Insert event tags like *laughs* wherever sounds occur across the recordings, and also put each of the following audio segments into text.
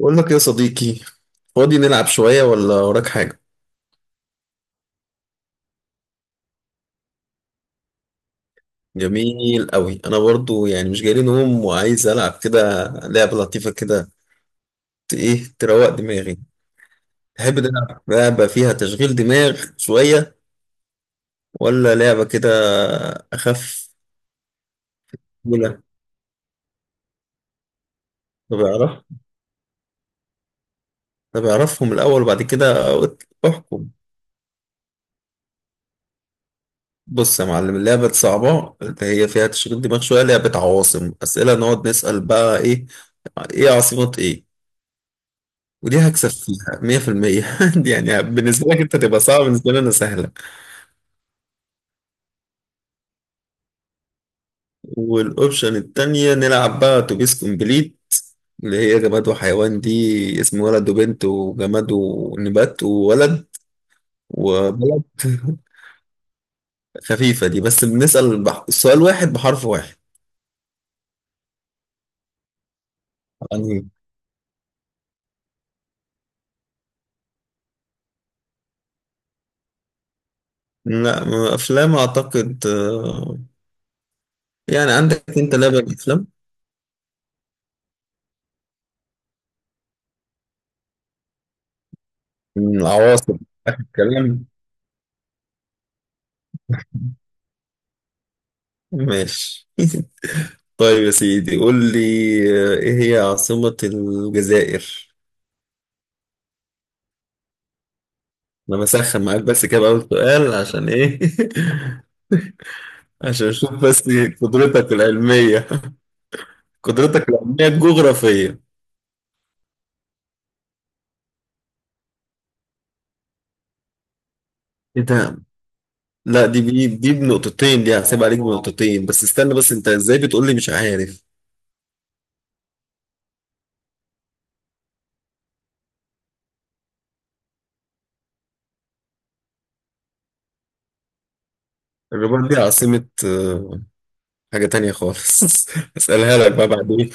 بقول لك يا صديقي، فاضي نلعب شوية ولا وراك حاجة؟ جميل قوي. أنا برضو يعني مش جاي لي نوم وعايز ألعب كده لعبة لطيفة كده. إيه، تروق دماغي. تحب نلعب لعبة فيها تشغيل دماغ شوية ولا لعبة كده أخف؟ ولا طب أعرف طب أعرفهم الأول وبعد كده أحكم. بص يا معلم، اللعبة الصعبة اللي هي فيها تشغيل دماغ شوية لعبة عواصم، أسئلة نقعد نسأل بقى إيه عاصمة إيه. ودي هكسب فيها 100% *laughs* يعني بالنسبة لك انت تبقى صعبة، بالنسبة لي انا سهلة. والاوبشن التانية نلعب بقى اتوبيس كومبليت، اللي هي جماد وحيوان دي، اسم ولد وبنت وجماد ونبات وولد وبلد *laughs* خفيفة دي، بس بنسأل سؤال واحد بحرف واحد يعني. لا أفلام أعتقد يعني عندك أنت لعبة أفلام. العواصم آخر كلام. ماشي *laughs* طيب يا سيدي، قول لي. ايه هي عاصمة الجزائر؟ انا بسخن معاك بس كده بقى، سؤال عشان ايه؟ *laughs* عشان اشوف بس قدرتك العلمية *laughs* قدرتك العلمية الجغرافية. ايه ده؟ لا دي بي، دي بنقطتين دي، هحسب عليك بنقطتين. بس استنى بس، انت ازاي بتقول لي مش عارف؟ الرباط دي عاصمة حاجة تانية خالص *laughs* اسألها لك بقى بعدين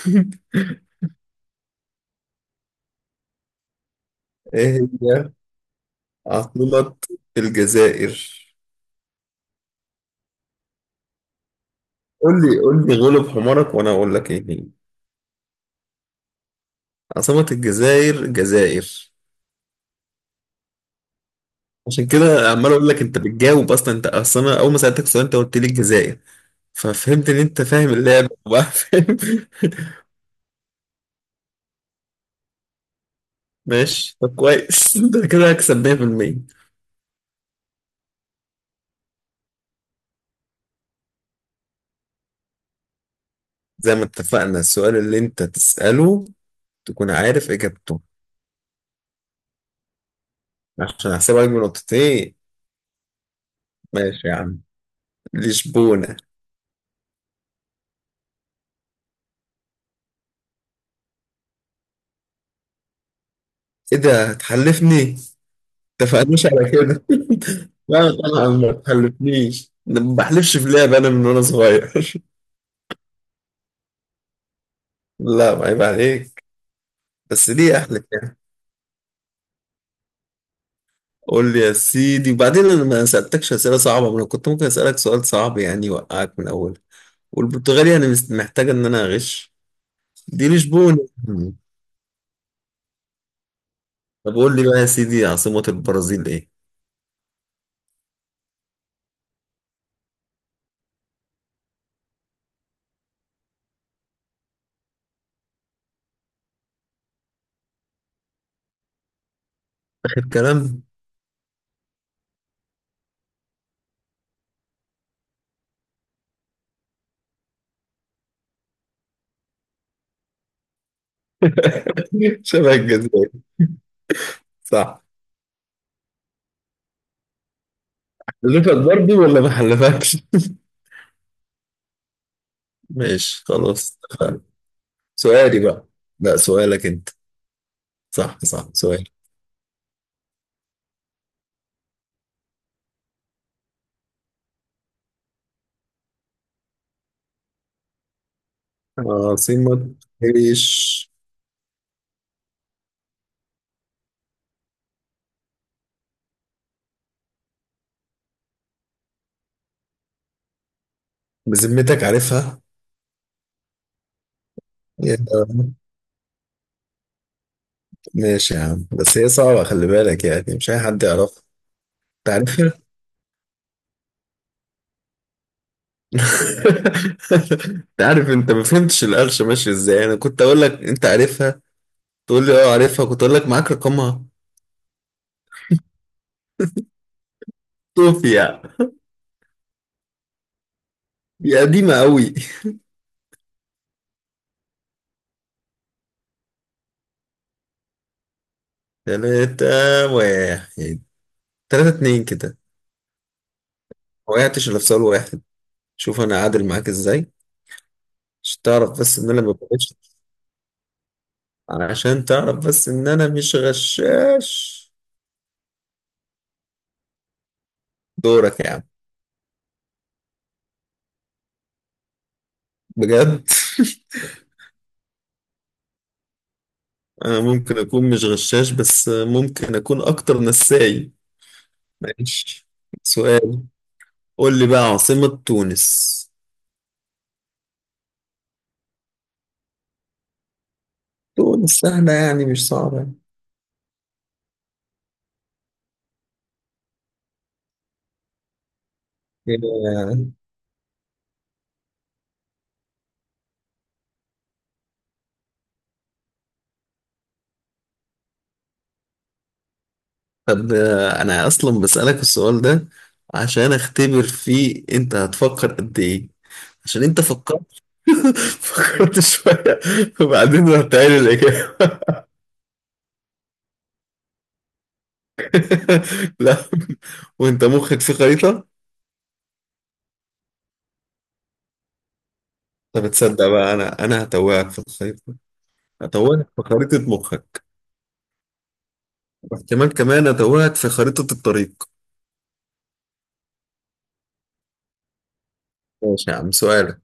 *laughs* ايه هي عاصمة الجزائر؟ قول لي قول لي، غلب حمارك وانا اقول لك ايه هي. عاصمة الجزائر الجزائر. عشان كده عمال اقول لك انت بتجاوب اصلا، انت اصلا أنا اول ما سألتك السؤال انت قلت لي الجزائر، ففهمت ان انت فاهم اللعبة وبقى فاهم *laughs* ماشي طب، كويس *laughs* انت كده هكسب 100%. زي ما اتفقنا، السؤال اللي انت تسأله تكون عارف اجابته، عشان احسبها لك بنقطتين. ماشي يا عم، لشبونة. ايه ده، هتحلفني؟ اتفقناش على كده *laughs* لا طبعا ما تحلفنيش، أنا ما بحلفش في لعبة انا، من وانا صغير *laughs* لا ما عيب عليك، بس ليه اهلك يعني. قول لي يا سيدي. وبعدين انا ما سالتكش اسئله صعبه، ما انا كنت ممكن اسالك سؤال صعب يعني يوقعك من اول. والبرتغالي انا محتاجه ان انا اغش. دي لشبونه. طب قول لي بقى يا سيدي، عاصمه البرازيل ايه. اخر كلام *laughs* شبه الجزائر؟ صح. حلفك برضه ولا ما حلفكش؟ ماشي خلاص، اتفقنا. سؤالي بقى. لا، سؤالك انت. صح صح، سؤال. عاصمه ايش؟ بذمتك عارفها؟ يا ماشي يا عم، بس هي صعبة، خلي بالك يعني مش أي حد يعرفها. أنت عارفها *laughs* أنت عارف، أنت ما فهمتش القرشة ماشية إزاي. أنا كنت أقول لك أنت عارفها، تقول لي أه عارفها، كنت أقول لك معاك رقمها. صوفيا. دي قديمة أوي. تلاتة واحد. تلاتة اتنين كده. ما وقعتش إلا في سؤال واحد. شوف أنا عادل معاك إزاي، عشان تعرف بس إن أنا ما بغش، عشان تعرف بس إن أنا مش غشاش. دورك يا عم. بجد. انا ممكن اكون مش غشاش، بس ممكن اكون اكتر نساي. ماشي. سؤال. قول لي بقى عاصمة تونس. تونس سهلة يعني، مش صعبة يعني. إيه، طب انا اصلا بسألك السؤال ده عشان اختبر فيه انت هتفكر قد ايه. عشان انت فكرت *laughs* فكرت شوية وبعدين رحت قايل الإجابة *laughs* لا، وانت مخك في خريطة. طب تصدق بقى، انا هتوهك في الخريطة. هتوهك في خريطة مخك، واحتمال كمان أتوهك في خريطة الطريق. ماشي يا عم، سؤالك.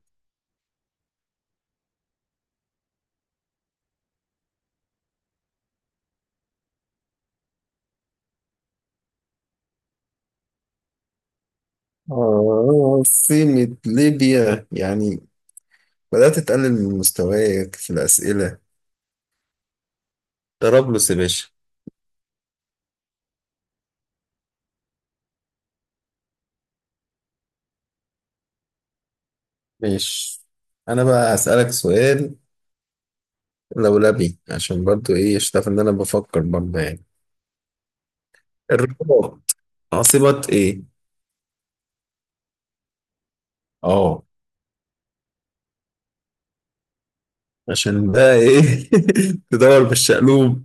آه، سمة ليبيا يعني، بدأت تقلل من مستواك في الأسئلة. طرابلس يا باشا. ماشي. أنا بقى هسألك سؤال لولبي، عشان برضو إيه، اشتاف إن أنا بفكر برضو يعني. الرباط عاصمة إيه؟ آه، عشان بقى إيه *laughs* تدور بالشقلوب.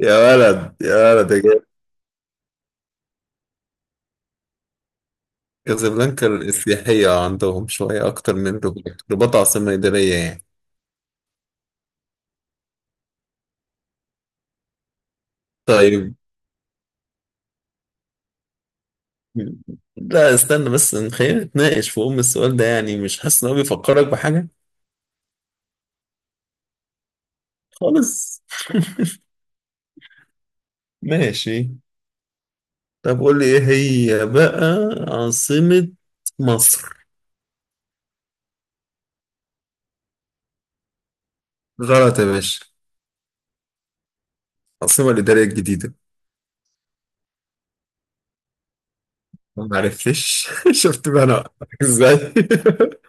يا ولد، يا ولد، يا جامد. كازابلانكا السياحية عندهم شوية أكتر من رباط، رباط عاصمة إدارية يعني. طيب. لا استنى بس، خلينا نتناقش في أم السؤال ده، يعني مش حاسس إن هو بيفكرك بحاجة؟ خالص. ماشي. طب قول لي إيه هي بقى عاصمة مصر. غلط يا باشا. العاصمة الإدارية الجديدة. ما عرفتش *laughs* شفت بقى أنا وقعتك إزاي *laughs*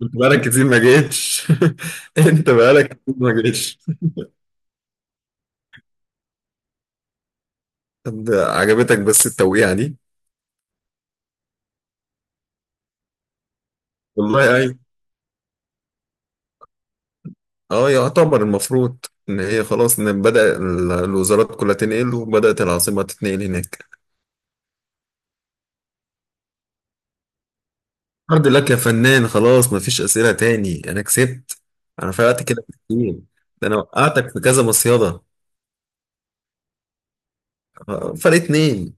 كنت بقالك كتير ما جيتش *laughs* أنت بقالك كتير ما جيتش. طب عجبتك بس التوقيعة دي؟ والله أيوة. اه يعتبر، المفروض ان هي خلاص، ان بدأ الوزارات كلها تنقل وبدأت العاصمة تتنقل هناك. الحمد لله يا فنان، خلاص مفيش أسئلة تاني، انا كسبت. انا فرقت كده كتير، ده انا وقعتك في كذا مصيدة. آه، فرق اتنين.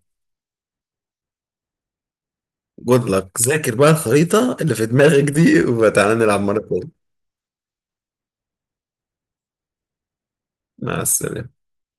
جود لك، ذاكر بقى الخريطة اللي في دماغك دي وتعالى نلعب مرة تانية. مع السلامة.